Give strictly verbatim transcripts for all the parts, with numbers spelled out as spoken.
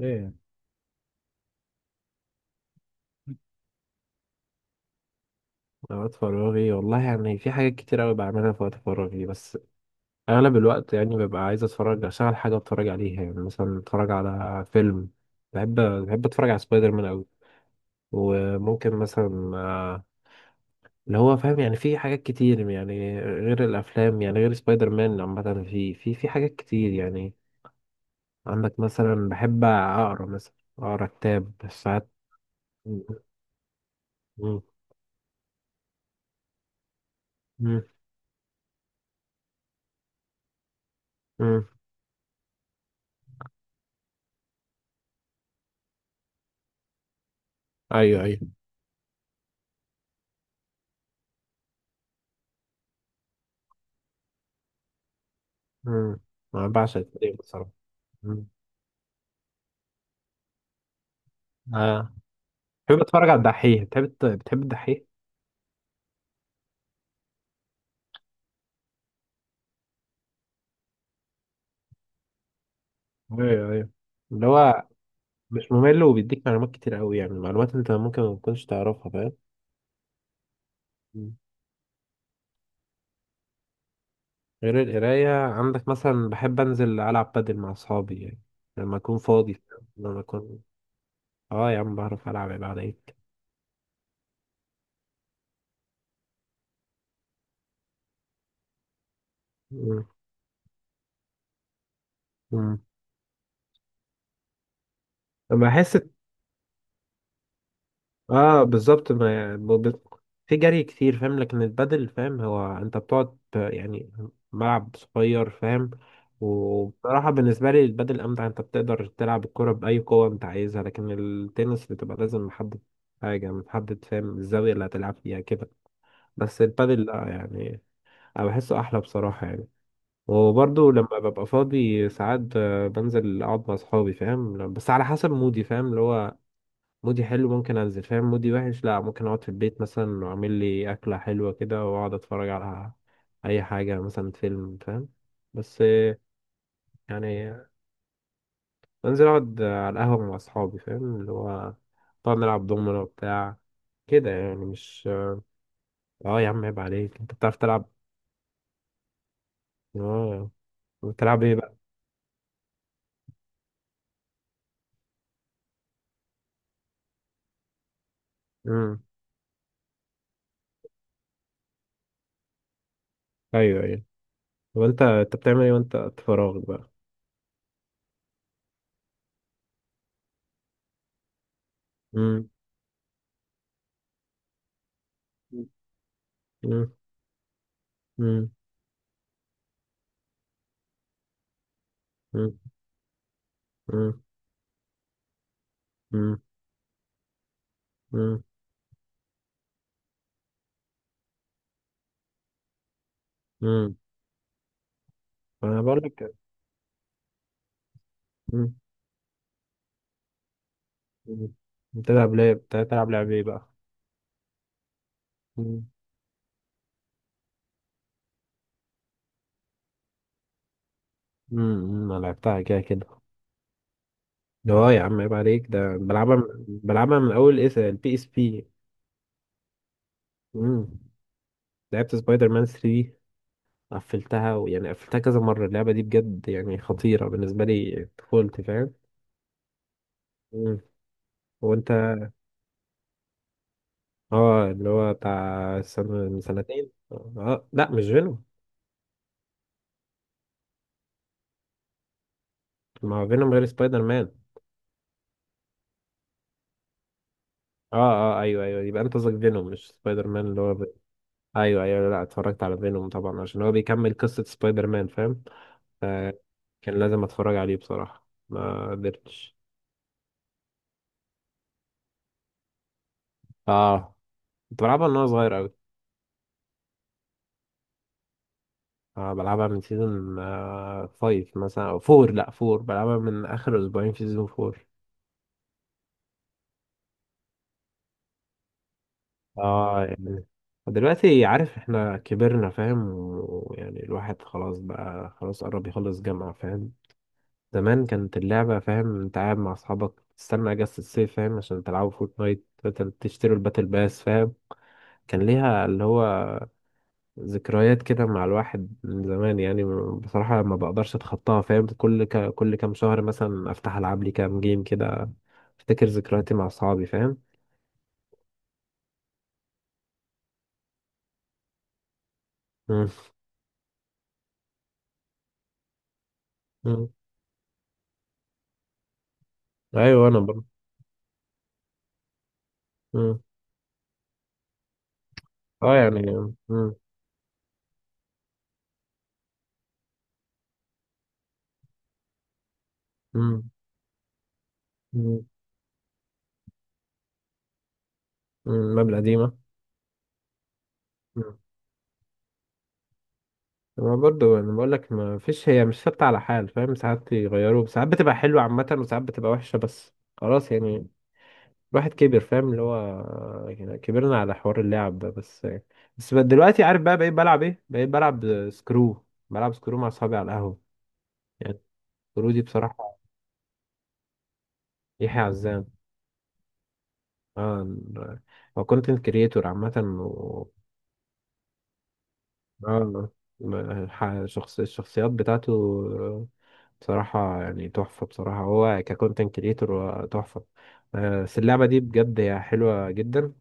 ايه اوقات فراغي، والله يعني في حاجات كتير قوي بعملها في وقت فراغي. بس اغلب الوقت يعني ببقى عايز اتفرج، اشغل حاجه اتفرج عليها، يعني مثلا اتفرج على فيلم. بحب بحب اتفرج على سبايدر مان قوي. وممكن مثلا آه، اللي هو فاهم. يعني في حاجات كتير يعني غير الافلام، يعني غير سبايدر مان عامه، في في في حاجات كتير يعني. عندك مثلا بحب اقرا، مثلا اقرا كتاب ساعات. م- م- م- م- ايوه ايوه. مم. انا بعشق التاريخ بصراحه. اه، بتحب تتفرج على الدحيح؟ بتحب الت- بتحب الدحيح؟ ايوه ايوه، اللي هو مش ممل وبيديك معلومات كتير قوي، يعني معلومات انت ممكن ما تكونش تعرفها فاهم. مم. غير القراية، عندك مثلا بحب انزل العب بادل مع اصحابي يعني لما اكون فاضي. لما اكون اه يا عم بعرف العب، يبقى عليك. مم. مم. بحس اه بالظبط، ما يعني ب- ب- في جري كتير فاهم. لكن البادل فاهم، هو انت بتقعد ت- يعني ملعب صغير فاهم. وبصراحة بالنسبة لي البادل أمتع، أنت بتقدر تلعب الكرة بأي قوة أنت عايزها. لكن التنس بتبقى لازم محدد حاجة محدد، فاهم، الزاوية اللي هتلعب فيها كده. بس البادل لأ يعني، أنا بحسه أحلى بصراحة يعني. وبرضه لما ببقى فاضي ساعات آه، بنزل أقعد مع أصحابي فاهم، بس على حسب مودي فاهم، اللي هو مودي حلو ممكن انزل فاهم، مودي وحش لا، ممكن اقعد في البيت مثلا واعمل لي اكله حلوه كده واقعد اتفرج على اي حاجه، مثلا فيلم فاهم. بس آه، يعني انزل اقعد على القهوه مع اصحابي فاهم، اللي هو نقعد نلعب دومينو بتاع كده يعني، مش اه يا عم عيب عليك، انت بتعرف تلعب. اه، بتلعب ايه بقى؟ امم ايوه ايوه. طب انت انت بتعمل ايه وانت في فراغك بقى؟ امم. امم. امم. امم. امم. امم. انا بقول لك. مم. بتلعب لعب بتلعب لعب ايه بقى؟ مم. مم. انا لعبتها كده كده. اه يا عم عيب عليك، ده بلعبها من... بلعبها من اول اس البي اس بي. مم. لعبت سبايدر مان ثلاثة، قفلتها، ويعني قفلتها كذا مرة. اللعبة دي بجد يعني خطيرة بالنسبة لي طفولتي فاهم. مم. وانت اه، اللي هو بتاع سنة من سنتين. اه لا، مش فينوم. ما هو فينوم غير سبايدر مان. اه. اه ايوه ايوه، يبقى انت قصدك فينوم، مش سبايدر مان اللي هو. ايوه ايوه. لا، اتفرجت على فينوم طبعا عشان هو بيكمل قصة سبايدر مان فاهم، فكان لازم اتفرج عليه بصراحة، ما قدرتش. اه كنت بلعبها من وانا صغير قوي. آه بلعبها من سيزون آه فايف مثلا، او فور، لا فور، بلعبها من اخر اسبوعين في سيزون فور. اه يعني دلوقتي عارف احنا كبرنا فاهم، ويعني الواحد خلاص بقى خلاص قرب يخلص جامعة فاهم. زمان كانت اللعبة فاهم، انت قاعد مع اصحابك تستنى اجازة الصيف فاهم عشان تلعبوا فورتنايت مثلا، تشتروا الباتل باس فاهم. كان ليها اللي هو ذكريات كده مع الواحد من زمان يعني. بصراحة ما بقدرش اتخطاها فاهم. كل ك... كل كام شهر مثلا افتح العب لي كام جيم كده، افتكر ذكرياتي مع اصحابي فاهم. مم. مم. ايوه انا برضه. مم. اه يعني. مم. مم. مم. مم. مبلغ قديمة. ما برضو انا بقول لك، ما فيش، هي مش ثابته على حال فاهم، ساعات يغيروا، ساعات بتبقى حلوه عامه وساعات بتبقى وحشه. بس خلاص يعني، الواحد كبر فاهم، اللي هو يعني كبرنا على حوار اللعب ده بس يعني. بس بقى دلوقتي عارف بقى بقيت بلعب ايه؟ بقيت بلعب سكرو. بلعب سكرو مع اصحابي على القهوه يعني. سكرو دي بصراحه يحيى عزام. اه، هو كونتنت كريتور عامه. اه، الح- شخص الشخصيات بتاعته بصراحة يعني تحفة. بصراحة هو ككونتنت كريتور هو تحفة. آه، بس اللعبة دي بجد هي حلوة جدا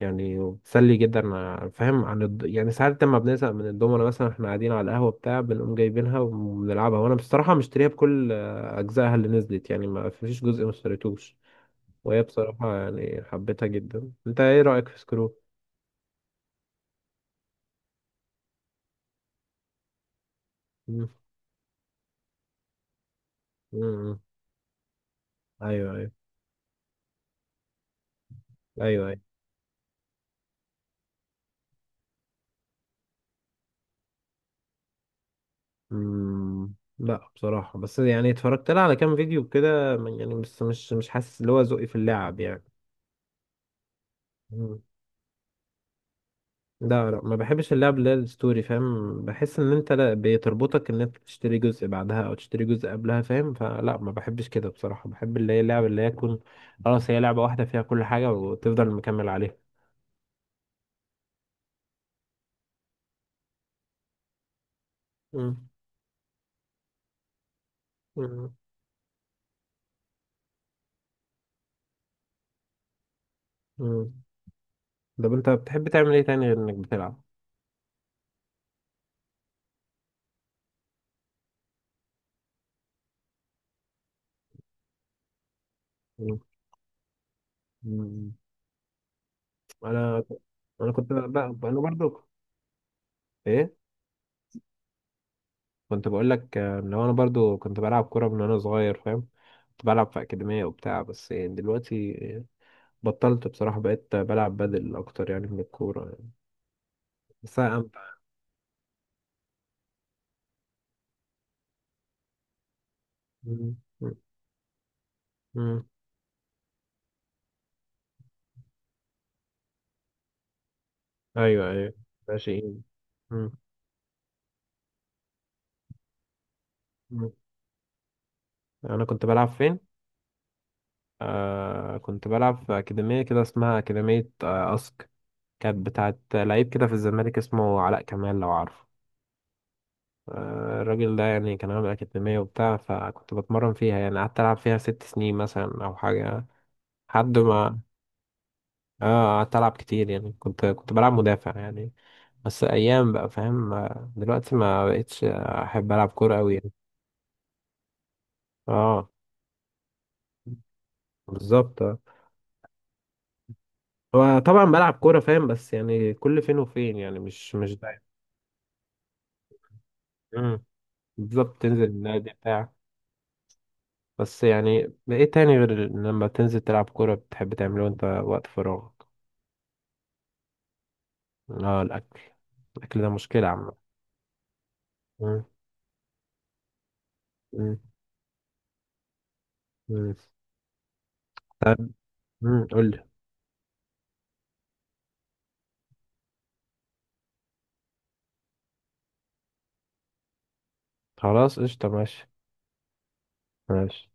يعني، وبتسلي جدا آه، فاهم، عن الد... يعني ساعات لما بنزهق من الدومنة مثلا احنا قاعدين على القهوة بتاع بنقوم جايبينها وبنلعبها. وانا بصراحة مشتريها بكل آه، أجزائها اللي نزلت يعني، ما فيش جزء ما اشتريتوش. وهي بصراحة يعني حبيتها جدا. انت ايه رأيك في سكرو؟ مم. مم. ايوه ايوه ايوه. مم. لا بصراحة، بس يعني اتفرجت لها على كام فيديو كده من- يعني بس مش مش حاسس اللي هو ذوقي في اللعب يعني. مم. لا لا، ما بحبش اللعب اللي هي الستوري فاهم، بحس ان انت لا بتربطك ان انت تشتري جزء بعدها او تشتري جزء قبلها فاهم، فلا ما بحبش كده بصراحة. بحب اللي هي اللعب اللي هي تكون خلاص هي لعبة واحدة فيها كل حاجة وتفضل مكمل عليها. مم. مم. مم. طب انت بتحب تعمل ايه تاني غير انك بتلعب؟ مم. مم. انا انا كنت بقى انا برضو. ايه، كنت بقول لك آه، لو انا برضو كنت بلعب كوره من وانا صغير فاهم. كنت بلعب في اكاديميه وبتاع، بس يعني دلوقتي آه، بطلت بصراحه، بقيت بلعب بدل اكتر يعني من الكوره يعني. بس أنا امتع. مم. مم. مم. ايوه ايوه ماشي. مم. مم. انا كنت بلعب فين. آه كنت بلعب في اكاديميه كده اسمها اكاديميه آه اسك. كانت بتاعت لعيب كده في الزمالك اسمه علاء كمال، لو عارف. آه، الراجل ده يعني كان عامل أكاديمية وبتاع، فكنت بتمرن فيها يعني، قعدت ألعب فيها ست سنين مثلا أو حاجة. لحد ما، اه قعدت ألعب كتير يعني، كنت كنت بلعب مدافع يعني. بس أيام بقى فاهم. آه، دلوقتي ما بقتش أحب ألعب كورة أوي يعني. اه، بالظبط. آه. هو طبعا بلعب كورة فاهم، بس يعني كل فين وفين يعني، مش مش دايما. مم. بالظبط، تنزل النادي بتاع. بس يعني إيه تاني غير لما تنزل تلعب كورة بتحب تعمله وأنت وقت فراغ؟ لا، الأكل الأكل ده مشكلة عامة. مم، مم، مم، مم، قول لي. خلاص قشطة ماشي. ماشي.